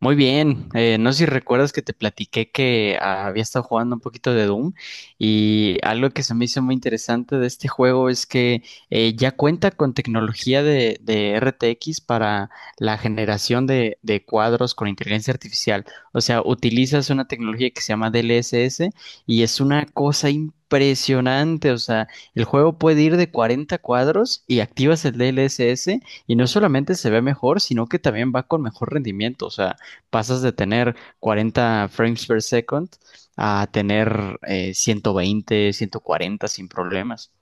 Muy bien, no sé si recuerdas que te platiqué que había estado jugando un poquito de Doom, y algo que se me hizo muy interesante de este juego es que ya cuenta con tecnología de RTX para la generación de cuadros con inteligencia artificial. O sea, utilizas una tecnología que se llama DLSS y es una cosa impresionante. O sea, el juego puede ir de 40 cuadros y activas el DLSS. Y no solamente se ve mejor, sino que también va con mejor rendimiento. O sea, pasas de tener 40 frames per second a tener 120, 140 sin problemas.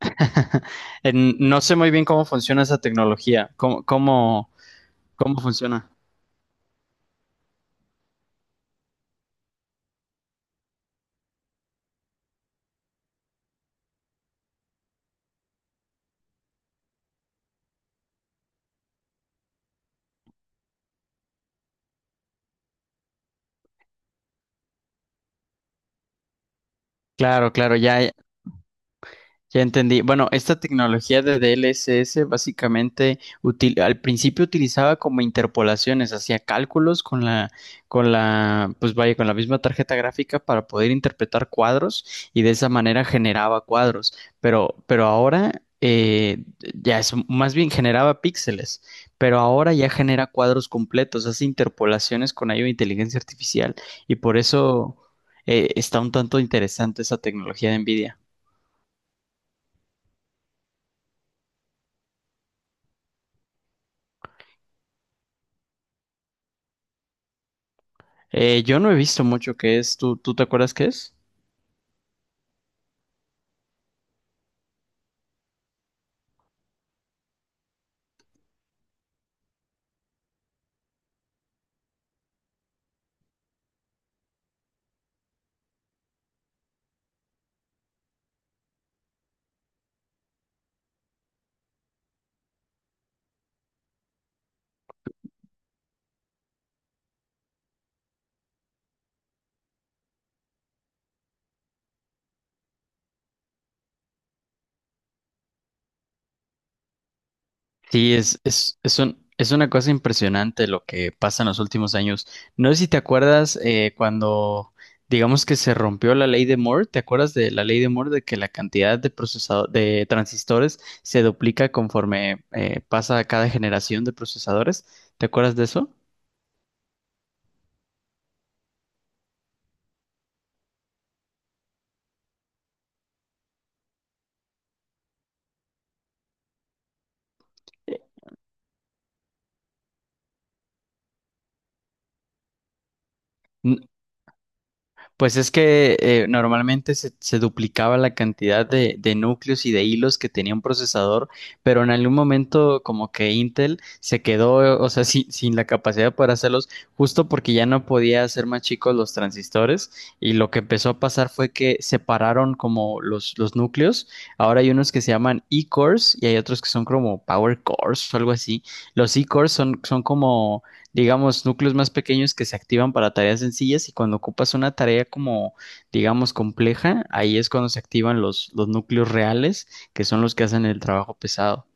No sé muy bien cómo funciona esa tecnología. Cómo funciona? Claro, claro, ya, ya entendí. Bueno, esta tecnología de DLSS básicamente al principio utilizaba como interpolaciones, hacía cálculos con la misma tarjeta gráfica para poder interpretar cuadros y de esa manera generaba cuadros. Pero ahora ya es más bien generaba píxeles, pero ahora ya genera cuadros completos, hace interpolaciones con ayuda de inteligencia artificial y por eso está un tanto interesante esa tecnología de NVIDIA. Yo no he visto mucho qué es. ¿Tú te acuerdas qué es? Sí, es una cosa impresionante lo que pasa en los últimos años. No sé si te acuerdas digamos que se rompió la ley de Moore. ¿Te acuerdas de la ley de Moore de que la cantidad de de transistores se duplica conforme pasa cada generación de procesadores? ¿Te acuerdas de eso? Pues es que normalmente se duplicaba la cantidad de núcleos y de hilos que tenía un procesador, pero en algún momento como que Intel se quedó, o sea, sin la capacidad para hacerlos, justo porque ya no podía hacer más chicos los transistores y lo que empezó a pasar fue que separaron como los núcleos. Ahora hay unos que se llaman E-cores y hay otros que son como Power cores o algo así. Los E-cores son como, digamos, núcleos más pequeños que se activan para tareas sencillas y cuando ocupas una tarea como, digamos, compleja, ahí es cuando se activan los núcleos reales, que son los que hacen el trabajo pesado.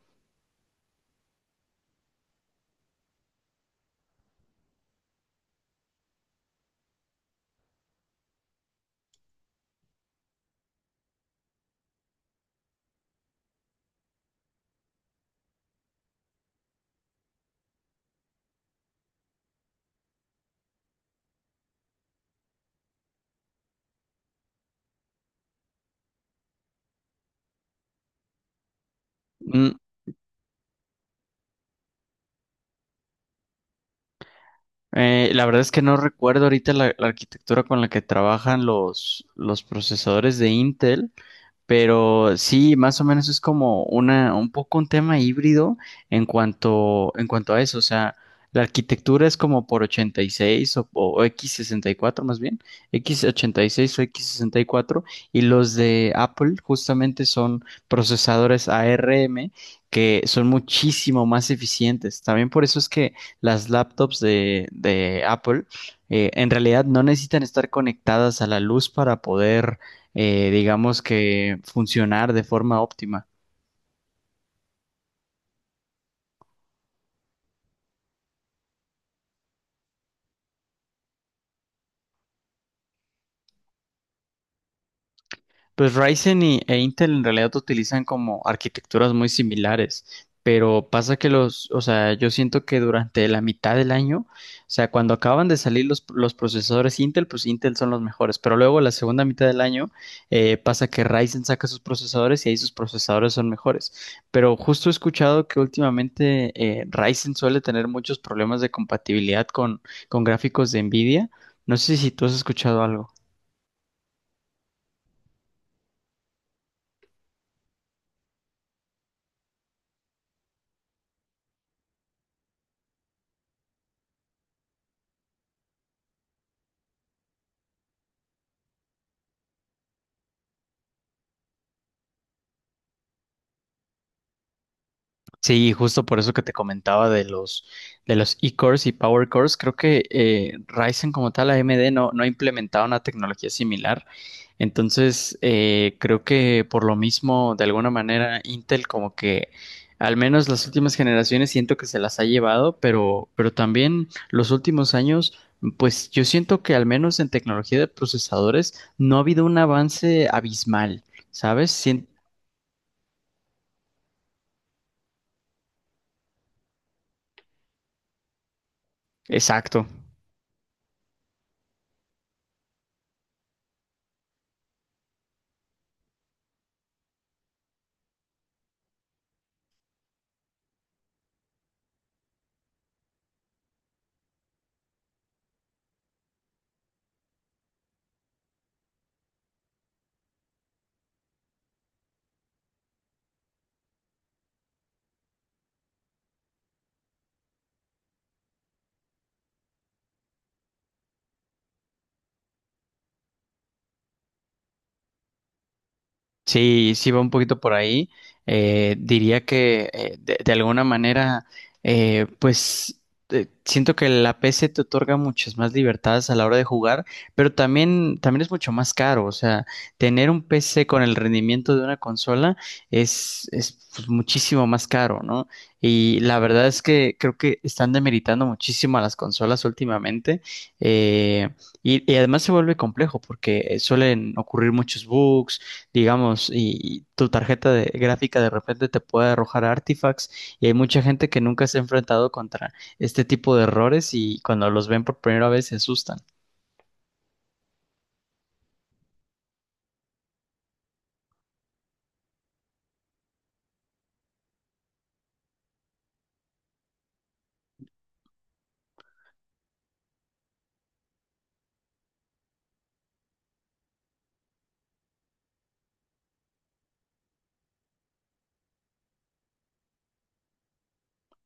Mm, la verdad es que no recuerdo ahorita la arquitectura con la que trabajan los procesadores de Intel, pero sí, más o menos es como una, un poco un tema híbrido en cuanto a eso. O sea, la arquitectura es como por 86 o X64 más bien, X86 o X64, y cuatro. Y los de Apple justamente son procesadores ARM que son muchísimo más eficientes. También por eso es que las laptops de Apple en realidad no necesitan estar conectadas a la luz para poder digamos que funcionar de forma óptima. Pues Ryzen e Intel en realidad utilizan como arquitecturas muy similares, pero pasa que los, o sea, yo siento que durante la mitad del año, o sea, cuando acaban de salir los procesadores Intel, pues Intel son los mejores, pero luego la segunda mitad del año pasa que Ryzen saca sus procesadores y ahí sus procesadores son mejores. Pero justo he escuchado que últimamente Ryzen suele tener muchos problemas de compatibilidad con gráficos de Nvidia. No sé si tú has escuchado algo. Sí, justo por eso que te comentaba de los E-cores y Power cores, creo que Ryzen como tal, AMD no ha implementado una tecnología similar. Entonces, creo que por lo mismo, de alguna manera, Intel como que al menos las últimas generaciones siento que se las ha llevado, pero también los últimos años, pues yo siento que al menos en tecnología de procesadores no ha habido un avance abismal, ¿sabes? Exacto. Sí, sí va un poquito por ahí. Diría que de alguna manera, eh, pues siento que la PC te otorga muchas más libertades a la hora de jugar, pero también es mucho más caro. O sea, tener un PC con el rendimiento de una consola es pues, muchísimo más caro, ¿no? Y la verdad es que creo que están demeritando muchísimo a las consolas últimamente. Eh, y además se vuelve complejo porque suelen ocurrir muchos bugs, digamos, y tu tarjeta de gráfica de repente te puede arrojar artifacts y hay mucha gente que nunca se ha enfrentado contra este tipo de errores y cuando los ven por primera vez se asustan.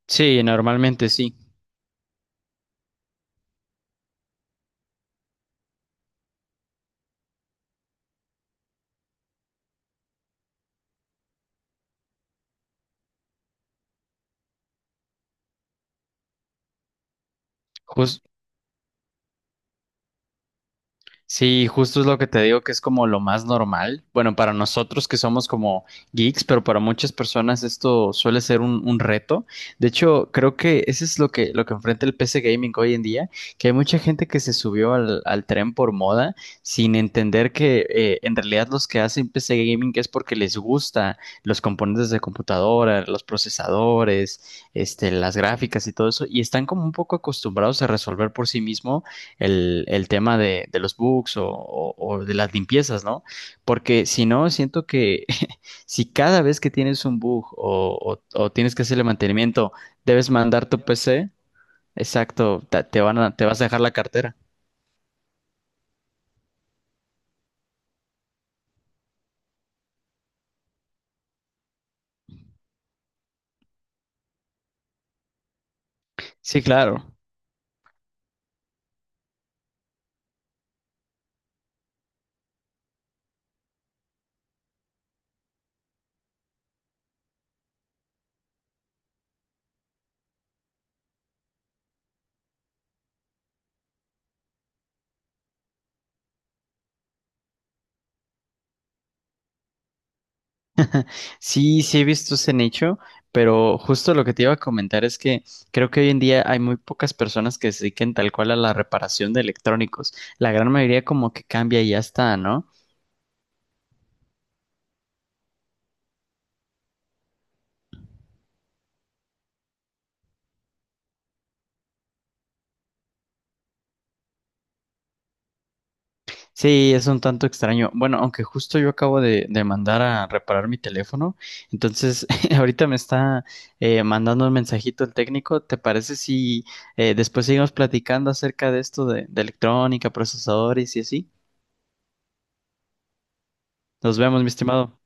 Sí, normalmente sí. Jus- Sí, justo es lo que te digo que es como lo más normal. Bueno, para nosotros que somos como geeks, pero para muchas personas esto suele ser un reto. De hecho, creo que eso es lo que enfrenta el PC Gaming hoy en día, que hay mucha gente que se subió al tren por moda sin entender que en realidad los que hacen PC Gaming es porque les gusta los componentes de computadora, los procesadores, este, las gráficas y todo eso, y están como un poco acostumbrados a resolver por sí mismos el tema de los bugs o de las limpiezas, ¿no? Porque si no, siento que si cada vez que tienes un bug o tienes que hacerle mantenimiento, debes mandar tu PC, exacto, te vas a dejar la cartera. Sí, claro. Sí, sí he visto ese nicho, pero justo lo que te iba a comentar es que creo que hoy en día hay muy pocas personas que se dediquen tal cual a la reparación de electrónicos. La gran mayoría como que cambia y ya está, ¿no? Sí, es un tanto extraño. Bueno, aunque justo yo acabo de mandar a reparar mi teléfono, entonces ahorita me está mandando un mensajito el técnico. ¿Te parece si después seguimos platicando acerca de esto de electrónica, procesadores y así? Nos vemos, mi estimado.